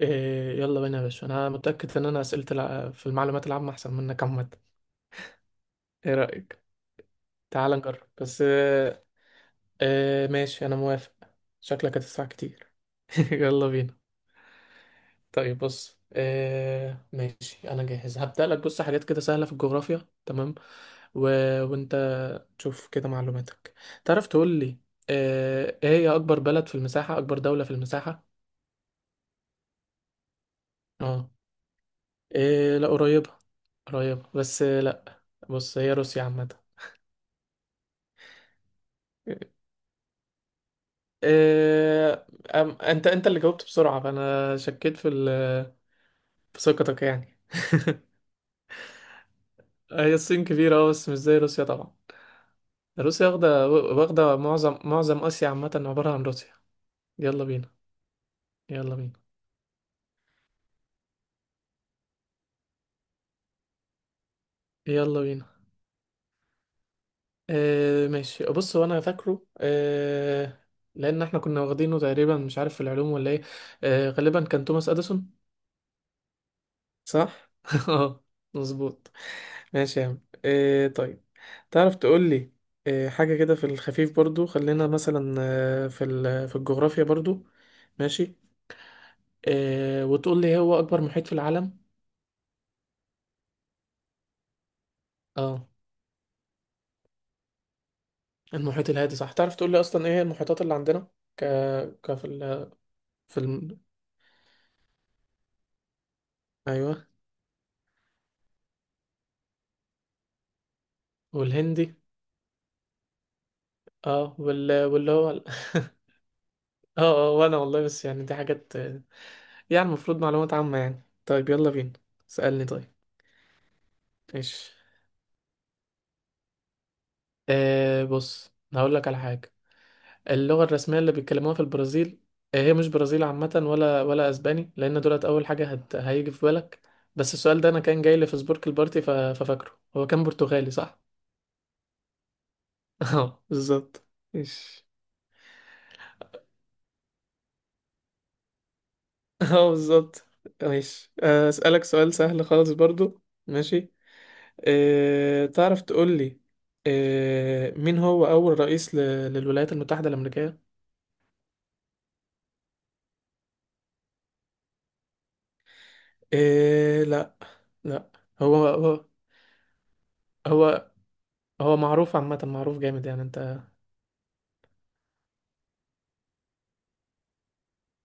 إيه، يلا بينا يا باشا. انا متأكد ان انا اسئلة في المعلومات العامة احسن منك عامة. ايه رأيك؟ تعال نجرب بس إيه. إيه ماشي، انا موافق. شكلك هتدفع كتير. يلا بينا. طيب بص إيه، ماشي انا جاهز. هبدأ لك، بص حاجات كده سهلة في الجغرافيا تمام. و... وانت تشوف كده معلوماتك، تعرف تقول لي إيه هي اكبر بلد في المساحة، اكبر دولة في المساحة؟ اه، إيه لا قريبة، قريبة بس لا. بص هي روسيا عامة. انت اللي جاوبت بسرعة فانا شكيت في في ثقتك يعني. هي الصين كبيرة أه، بس مش زي روسيا طبعا. روسيا واخدة معظم آسيا، عامة عبارة عن روسيا. يلا بينا. يلا بينا. يلا بينا. آه ماشي، بص هو انا فاكره آه، لان احنا كنا واخدينه تقريبا، مش عارف في العلوم ولا ايه. آه غالبا كان توماس اديسون. صح اه. مظبوط. ماشي يا عم، آه طيب تعرف تقول لي آه، حاجة كده في الخفيف برضو، خلينا مثلا آه، في الجغرافيا برضو. ماشي. آه، وتقول لي هو أكبر محيط في العالم. اه، المحيط الهادي. صح. تعرف تقول لي أصلا إيه هي المحيطات اللي عندنا؟ ك ك في الم... أيوه، والهندي. اه، اه. اه، وأنا والله بس يعني دي حاجات آه، يعني المفروض معلومات عامة يعني. طيب يلا بينا، اسألني طيب. ماشي، آه بص هقول لك على حاجة. اللغة الرسمية اللي بيتكلموها في البرازيل، آه، هي مش برازيل عامة، ولا أسباني لأن دولت أول حاجة هيجي في بالك. بس السؤال ده أنا كان جاي لي في سبورك البارتي، ففاكره هو كان برتغالي صح؟ اه بالظبط. ماشي. اه بالظبط. ماشي آه، أسألك سؤال سهل خالص برضو. ماشي. تعرف تقول لي مين هو أول رئيس للولايات المتحدة الأمريكية؟ أه... لا. لا. هو هو هو هو معروف عامة، معروف جامد يعني انت.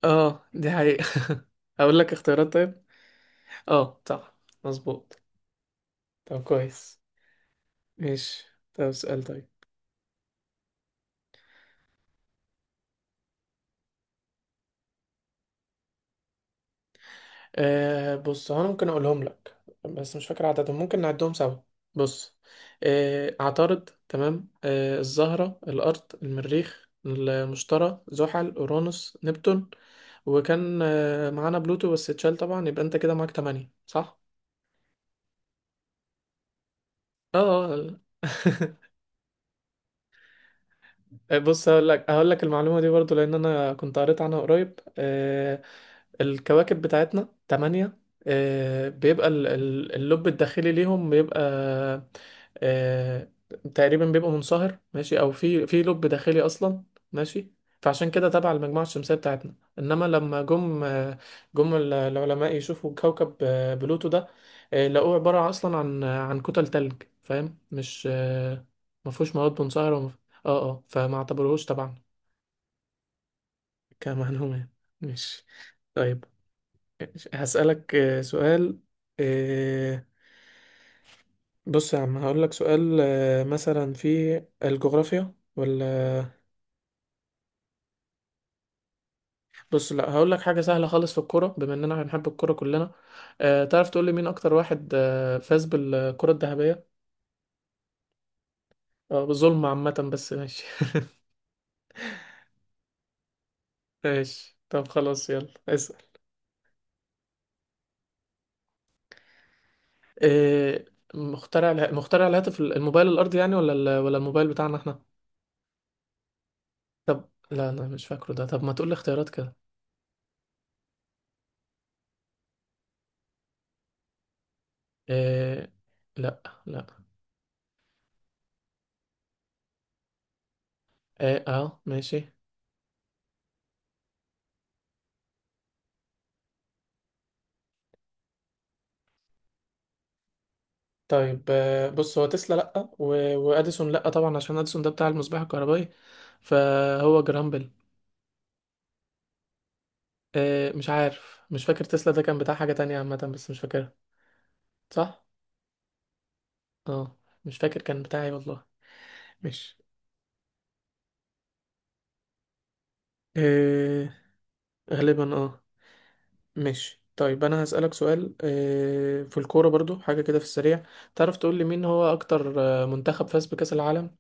اه دي حقيقة. اقول لك اختيارات طيب؟ اه صح، مظبوط. طب كويس. ماشي. طب سؤال طيب. آه بص هو انا ممكن اقولهم لك بس مش فاكر عددهم، ممكن نعدهم سوا. بص، آه عطارد، تمام، آه الزهرة، الارض، المريخ، المشتري، زحل، اورانوس، نبتون. وكان آه معانا بلوتو بس اتشال طبعا، يبقى انت كده معاك تمانية صح. اه آه. آه، بص هقول لك المعلومه دي برضو لان انا كنت قريت عنها قريب. آه، الكواكب بتاعتنا تمانية. آه، بيبقى اللب الداخلي ليهم بيبقى آه، تقريبا بيبقى منصهر، ماشي، او في لب داخلي اصلا. ماشي. فعشان كده تبع المجموعة الشمسية بتاعتنا. انما لما جم آه، جم العلماء يشوفوا كوكب آه، بلوتو ده، آه، لقوه عبارة اصلا عن كتل تلج، فاهم؟ مش آه، مفهوش مواد منصهرة اه اه، فما اعتبروهوش طبعا كمعلومة. ماشي. طيب هسألك آه، سؤال آه، بص يا عم هقول لك سؤال آه، مثلا في الجغرافيا ولا، بص لا هقول لك حاجة سهلة خالص في الكورة بما اننا بنحب الكورة كلنا. آه، تعرف تقول لي مين اكتر واحد آه، فاز بالكرة الذهبية؟ آه، بظلم عامة بس ماشي. ماشي طب خلاص يلا اسأل. آه، مخترع الهاتف الموبايل الارضي يعني، ولا ولا الموبايل بتاعنا احنا؟ طب لا لا مش فاكره ده، طب ما تقول لي اختيارات كده. آه لا. لا. اه, آه ماشي. طيب آه بص هو تسلا لا، واديسون لا طبعا عشان اديسون ده بتاع المصباح الكهربائي، فهو جرامبل. آه مش عارف، مش فاكر تسلا ده كان بتاع حاجة تانية عامة بس مش فاكرها. صح. اه. مش فاكر كان بتاعي والله. مش آه. غالبا اه. مش طيب. انا هسألك سؤال آه في الكورة برضو حاجة كده في السريع. تعرف تقول لي مين هو اكتر آه، منتخب فاز بكأس العالم؟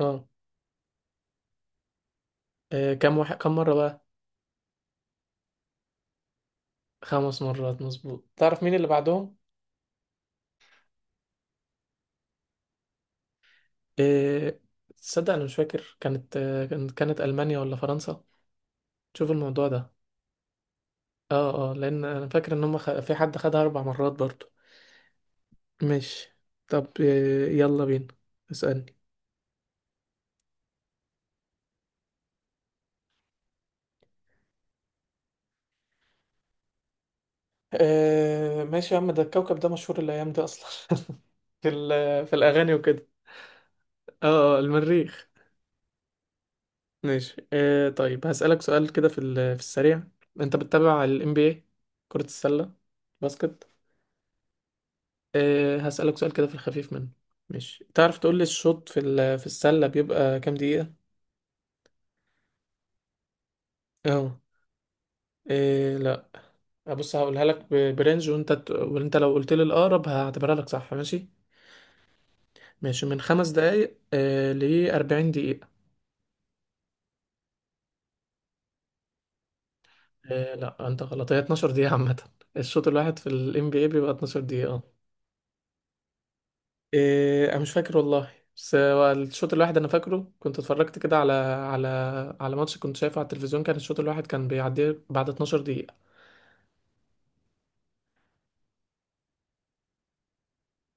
اه. آه، كم واحد، كم مرة بقى؟ 5 مرات مظبوط. تعرف مين اللي بعدهم؟ إيه... تصدق انا مش فاكر كانت آه، كانت المانيا ولا فرنسا؟ شوف الموضوع ده. اه اه لان انا فاكر ان هم في حد خدها 4 مرات برضو. ماشي. طب آه، يلا بينا اسألني. آه ماشي يا عم، ده الكوكب ده مشهور الايام دي اصلا. في الاغاني وكده. اه آه، المريخ. ماشي. آه طيب هسألك سؤال كده في السريع، انت بتتابع ال NBA؟ كرة السلة، باسكت. أه هسألك سؤال كده في الخفيف منه. ماشي، تعرف تقول لي الشوط في السلة بيبقى كام دقيقة؟ اه. إيه لا. بص هقولها لك برنج، وانت لو قلت لي الأقرب هعتبرها لك صح، ماشي. ماشي، من 5 دقايق آه ل 40 دقيقة. آه لا انت غلط، هي 12 دقيقة عامة. الشوط الواحد في ال NBA بيبقى 12 دقيقة اه. إيه انا مش فاكر والله، بس هو الشوط الواحد انا فاكره، كنت اتفرجت كده على ماتش كنت شايفه على التلفزيون، كان الشوط الواحد كان بيعدي بعد 12 دقيقة.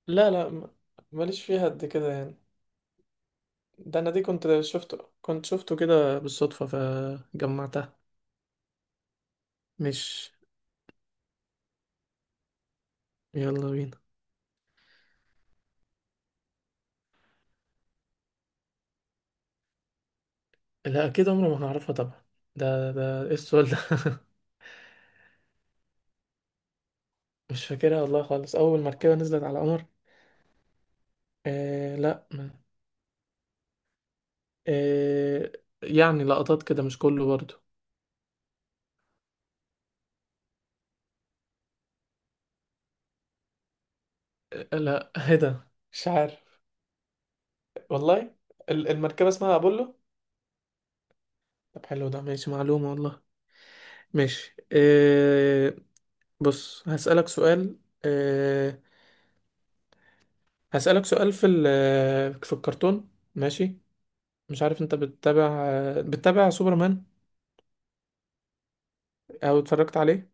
لا لا ماليش فيها قد كده يعني. ده انا دي كنت شفته كده بالصدفة فجمعتها. مش يلا بينا. لا اكيد عمري ما هعرفها طبعا، ده ايه السؤال ده؟ مش فاكرها والله خالص، اول مركبة نزلت على القمر. آه لا ما. آه، يعني لقطات كده مش كله برضو. آه لا. ايه ده مش عارف والله. المركبة اسمها أبولو؟ طب حلو ده ماشي، معلومة والله. ماشي آه بص هسألك سؤال. أه هسألك سؤال في ال، في الكرتون. ماشي. مش عارف انت بتتابع آه، بتتابع سوبرمان او اتفرجت عليه؟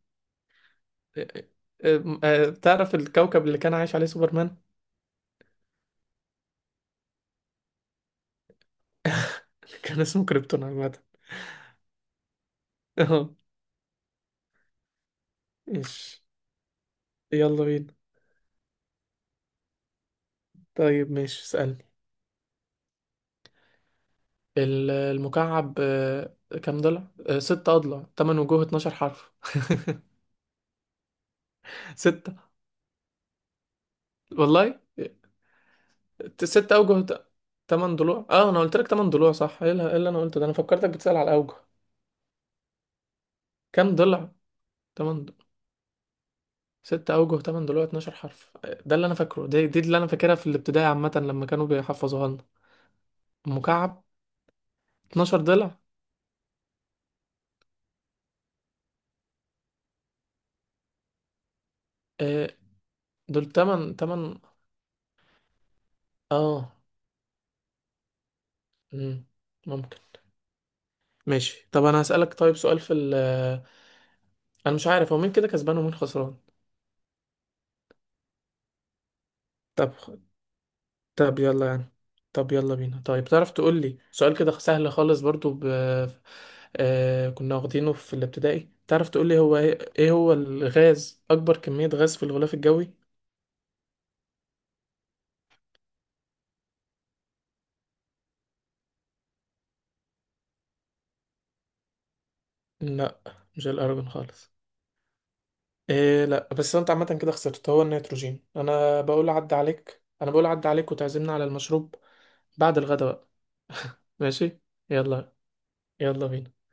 أه آه، آه، آه، تعرف الكوكب اللي كان عايش عليه سوبرمان؟ كان اسمه كريبتون عامة. اه. ماشي. يلا بينا. طيب ماشي اسألني. المكعب آه، كام ضلع؟ آه، 6 أضلاع، 8 وجوه، 12 حرف. 6. والله، 6 اوجه، تمن ضلوع. اه انا قلت لك 8 ضلوع صح، ايه اللي إيه اللي انا قلته ده؟ انا فكرتك بتسأل على اوجه. كام ضلع؟ تمن ض- 6 اوجه، 8 ضلوع، 12 حرف. ده اللي انا فاكره، دي اللي انا فاكرها في الابتدائي عامة لما كانوا بيحفظوها لنا. مكعب، 12 ضلع. آه، دول تمن. اه. مم. ممكن. ماشي طب انا هسألك طيب سؤال في ال، انا مش عارف هو مين كده كسبان ومين خسران. طب. طب يلا يعني. طب يلا بينا. طيب تعرف تقول لي سؤال كده سهل خالص برضو آه... كنا واخدينه في الابتدائي. تعرف تقول لي هو ايه، إيه هو الغاز اكبر كمية غاز في الغلاف الجوي؟ لا مش الارجون خالص. إيه لا، بس انت عامة كده خسرت، هو النيتروجين. انا بقول عد عليك، انا بقول عد عليك وتعزمنا على المشروب بعد الغداء بقى. ماشي. يلا. يلا بينا.